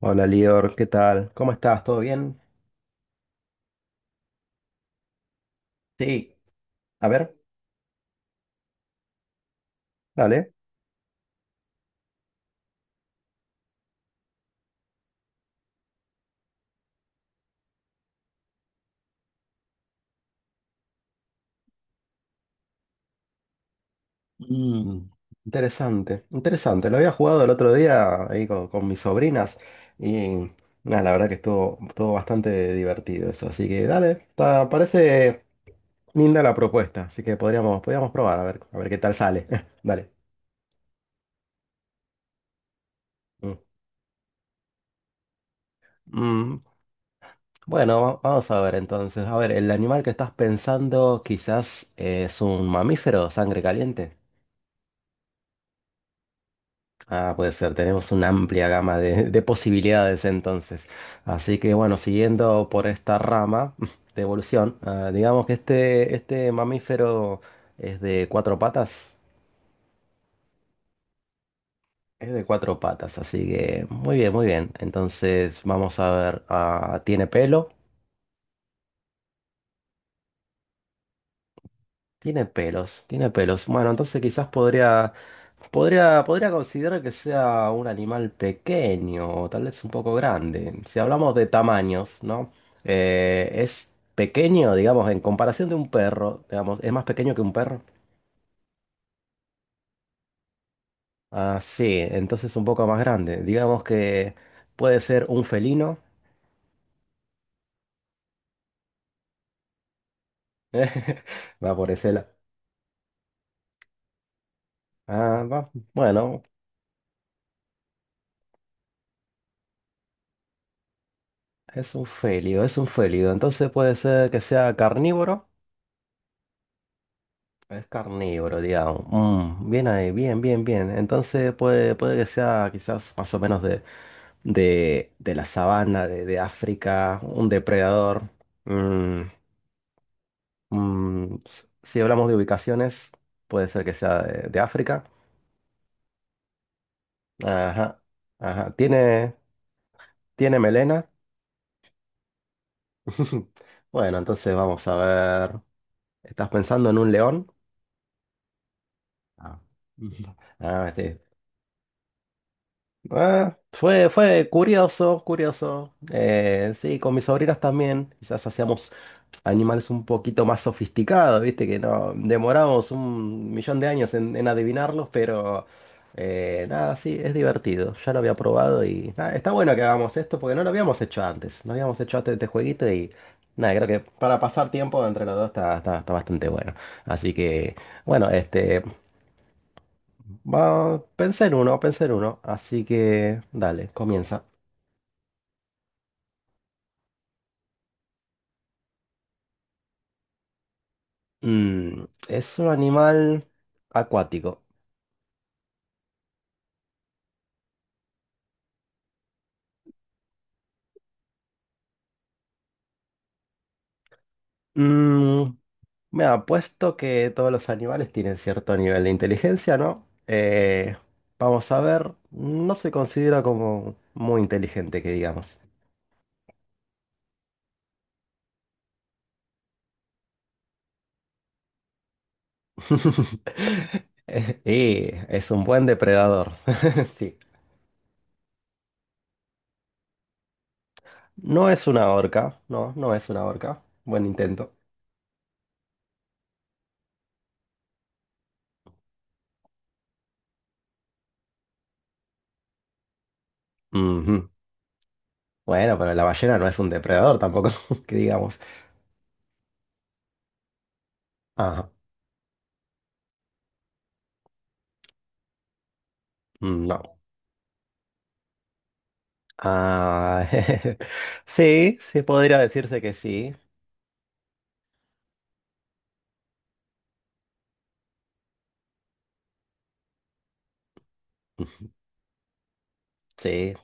Hola Lior, ¿qué tal? ¿Cómo estás? ¿Todo bien? Sí. A ver, dale. Mm, interesante, interesante. Lo había jugado el otro día ahí con mis sobrinas y nada, la verdad que estuvo bastante divertido eso. Así que dale, parece linda la propuesta, así que podríamos probar a ver qué tal sale. Dale. Mm. Mm, bueno, vamos a ver entonces. A ver, el animal que estás pensando quizás es un mamífero, sangre caliente. Ah, puede ser, tenemos una amplia gama de posibilidades entonces. Así que bueno, siguiendo por esta rama de evolución, digamos que este mamífero es de cuatro patas. Es de cuatro patas, así que muy bien, muy bien. Entonces vamos a ver, ¿tiene pelo? Tiene pelos, tiene pelos. Bueno, entonces quizás podría... podría considerar que sea un animal pequeño o tal vez un poco grande. Si hablamos de tamaños, ¿no? Es pequeño, digamos, en comparación de un perro, digamos, es más pequeño que un perro. Ah, sí, entonces un poco más grande. Digamos que puede ser un felino. Va por ese lado. Ah, va. Bueno, es un félido, es un félido. Entonces puede ser que sea carnívoro. Es carnívoro, digamos. Mm, bien ahí, bien, bien, bien. Entonces puede, puede que sea quizás más o menos de la sabana, de África, un depredador. Mm, mm, si hablamos de ubicaciones, puede ser que sea de África. Ajá, ajá. ¿ tiene melena? Bueno, entonces vamos a ver. ¿Estás pensando en un león? Ah, Ah, sí. Ah, fue curioso, curioso. Sí, con mis sobrinas también. Quizás hacíamos animales un poquito más sofisticados, viste, que no demoramos un millón de años en adivinarlos, pero nada, sí, es divertido. Ya lo había probado y nada, está bueno que hagamos esto porque no lo habíamos hecho antes. No habíamos hecho antes este jueguito y nada, creo que para pasar tiempo entre los dos está bastante bueno. Así que, bueno, este. Va, pensé en uno, así que dale, comienza. Mm, es un animal acuático. Mm, me ha puesto que todos los animales tienen cierto nivel de inteligencia, ¿no? Vamos a ver, no se considera como muy inteligente, que digamos. Y es un buen depredador, sí. No es una orca, no, no es una orca. Buen intento. Ujú. Bueno, pero la ballena no es un depredador tampoco, que digamos. Ah, no. Ah, sí, sí, podría decirse que sí. Sí.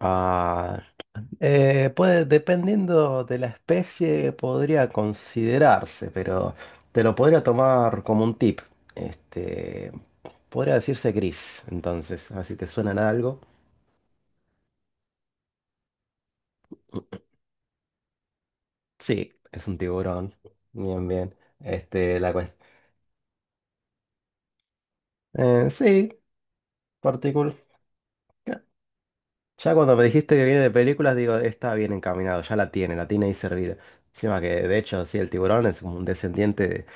Ah, puede, dependiendo de la especie, podría considerarse, pero te lo podría tomar como un tip. Este, podría decirse gris, entonces, a ver si te suena de algo. Sí, es un tiburón. Bien, bien. Este, la cuestión. Sí, partícula. Ya cuando me dijiste que viene de películas, digo, está bien encaminado, ya la tiene ahí servida. Encima que, de hecho, sí, el tiburón es como un descendiente de,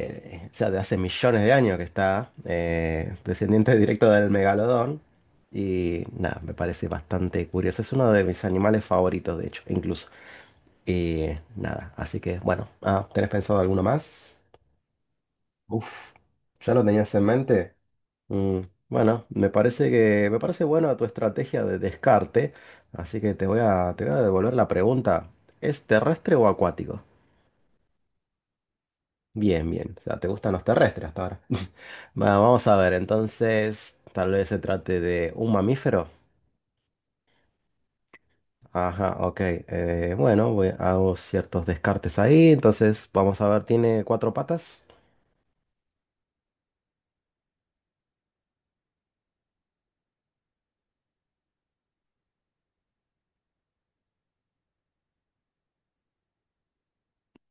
o sea, de hace millones de años que está, descendiente directo del megalodón. Y nada, me parece bastante curioso. Es uno de mis animales favoritos, de hecho, incluso. Y nada, así que, bueno, ¿tenés pensado alguno más? Uf, ya lo tenías en mente. Mm, bueno, me parece buena tu estrategia de descarte, así que te voy a devolver la pregunta. ¿Es terrestre o acuático? Bien, bien. O sea, te gustan los terrestres hasta ahora. Va, vamos a ver, entonces, tal vez se trate de un mamífero. Ajá, ok. Bueno, hago ciertos descartes ahí. Entonces, vamos a ver, ¿tiene cuatro patas?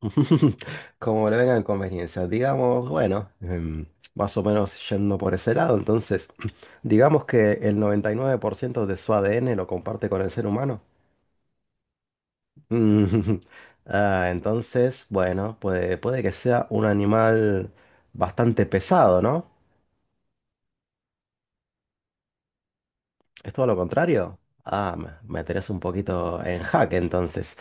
Como le vengan conveniencias, digamos, bueno, más o menos yendo por ese lado, entonces, digamos que el 99% de su ADN lo comparte con el ser humano. Mm, entonces, bueno, puede, puede que sea un animal bastante pesado, ¿no? ¿Es todo lo contrario? Ah, me tenés un poquito en jaque entonces.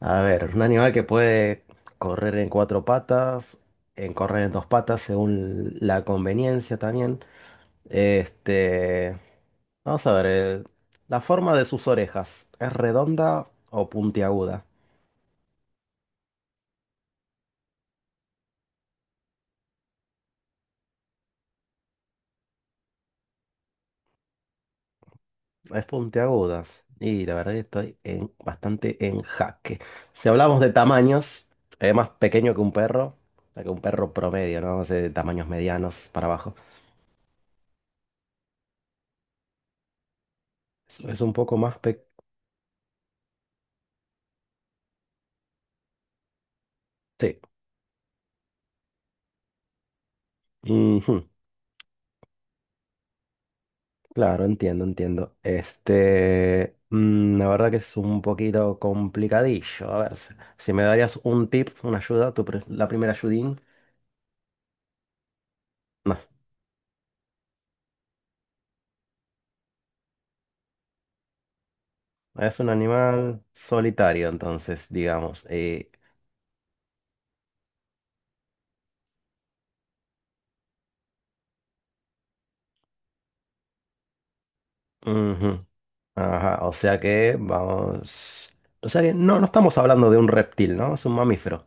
A ver, un animal que puede correr en cuatro patas, en correr en dos patas según la conveniencia también. Este, vamos a ver, la forma de sus orejas, ¿es redonda o puntiaguda? Es puntiagudas. Y la verdad que bastante en jaque. Si hablamos de tamaños, es más pequeño que un perro, o sea, que un perro promedio, ¿no? O sea, de tamaños medianos para abajo. Es un poco más pequeño. Sí. Ujú. Claro, entiendo, entiendo. Este, mm, la verdad que es un poquito complicadillo. A ver, si me darías un tip, una ayuda, la primera ayudín. No, es un animal solitario, entonces, digamos. Ujú. Ajá, o sea que vamos. O sea que no, no estamos hablando de un reptil, ¿no? Es un mamífero.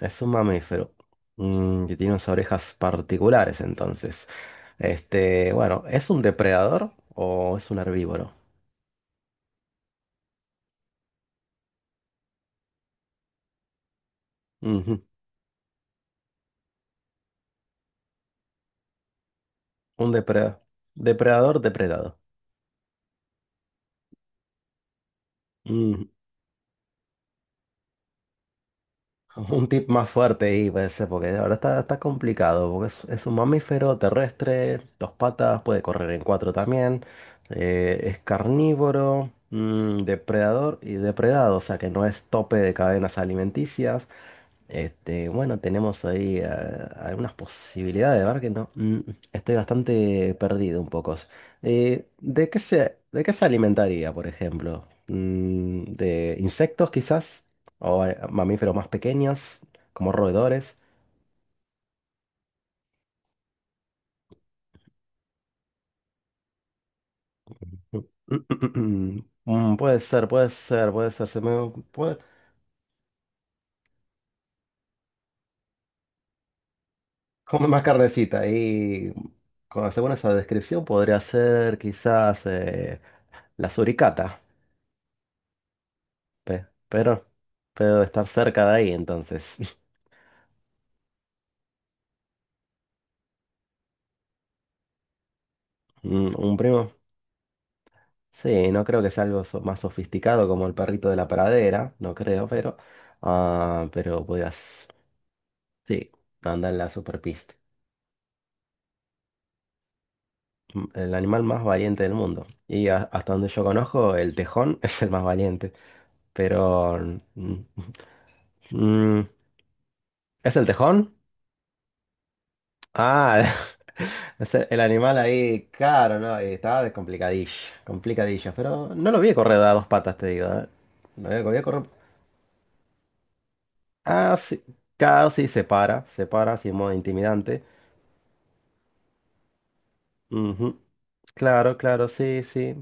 Es un mamífero. Mm, que tiene unas orejas particulares, entonces. Este, bueno, ¿es un depredador o es un herbívoro? Ujú, un depredador. Depredador, depredado. Un tip más fuerte ahí puede ser, porque ahora está, está complicado, porque es un mamífero terrestre, dos patas, puede correr en cuatro también, es carnívoro, mm, depredador y depredado, o sea que no es tope de cadenas alimenticias, este, bueno, tenemos ahí algunas posibilidades, ¿verdad? Que no, mm, estoy bastante perdido un poco. ¿ de qué se alimentaría, por ejemplo? Mm, ¿de insectos quizás? ¿O mamíferos más pequeños, como roedores? Mm, mm, puede ser, puede ser, puede ser. Se me puede comer más carnecita. Y según esa descripción podría ser quizás la suricata. Pe- pero, pero estar cerca de ahí, entonces. Mm, ¿un primo? Sí, no creo que sea algo más sofisticado como el perrito de la pradera, no creo, pero. Ah, pero podrías. Sí, andar en la superpista. Mm, el animal más valiente del mundo. Y hasta donde yo conozco, el tejón es el más valiente. Pero. Mm, mm, ¿es el tejón? Ah, El animal ahí, caro, ¿no? Y estaba de complicadillo, complicadillo. Pero no lo vi correr a dos patas, te digo, ¿eh? Lo vi correr. Ah, sí. Casi se para, se para, así en modo intimidante. Ujú. Claro, claro, sí, sí.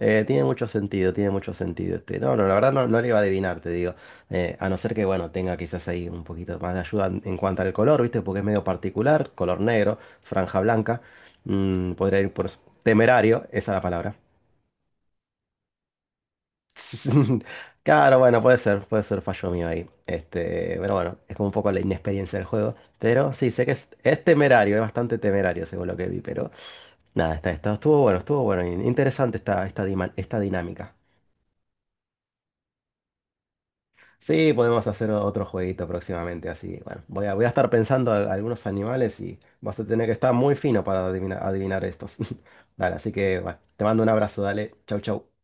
Tiene mucho sentido, tiene mucho sentido. Este. No, no, la verdad no, no le iba a adivinar, te digo. A no ser que, bueno, tenga quizás ahí un poquito más de ayuda en cuanto al color, ¿viste? Porque es medio particular, color negro, franja blanca. Mm, podría ir por temerario, esa es la palabra. Claro, bueno, puede ser fallo mío ahí. Este, pero bueno, es como un poco la inexperiencia del juego. Pero sí, sé que es temerario, es bastante temerario según lo que vi, pero nada, estuvo bueno, estuvo bueno. Interesante esta dinámica. Sí, podemos hacer otro jueguito próximamente, así. Bueno, voy a estar pensando algunos animales y vas a tener que estar muy fino para adivinar, adivinar estos. Dale, así que bueno, te mando un abrazo, dale. Chau, chau.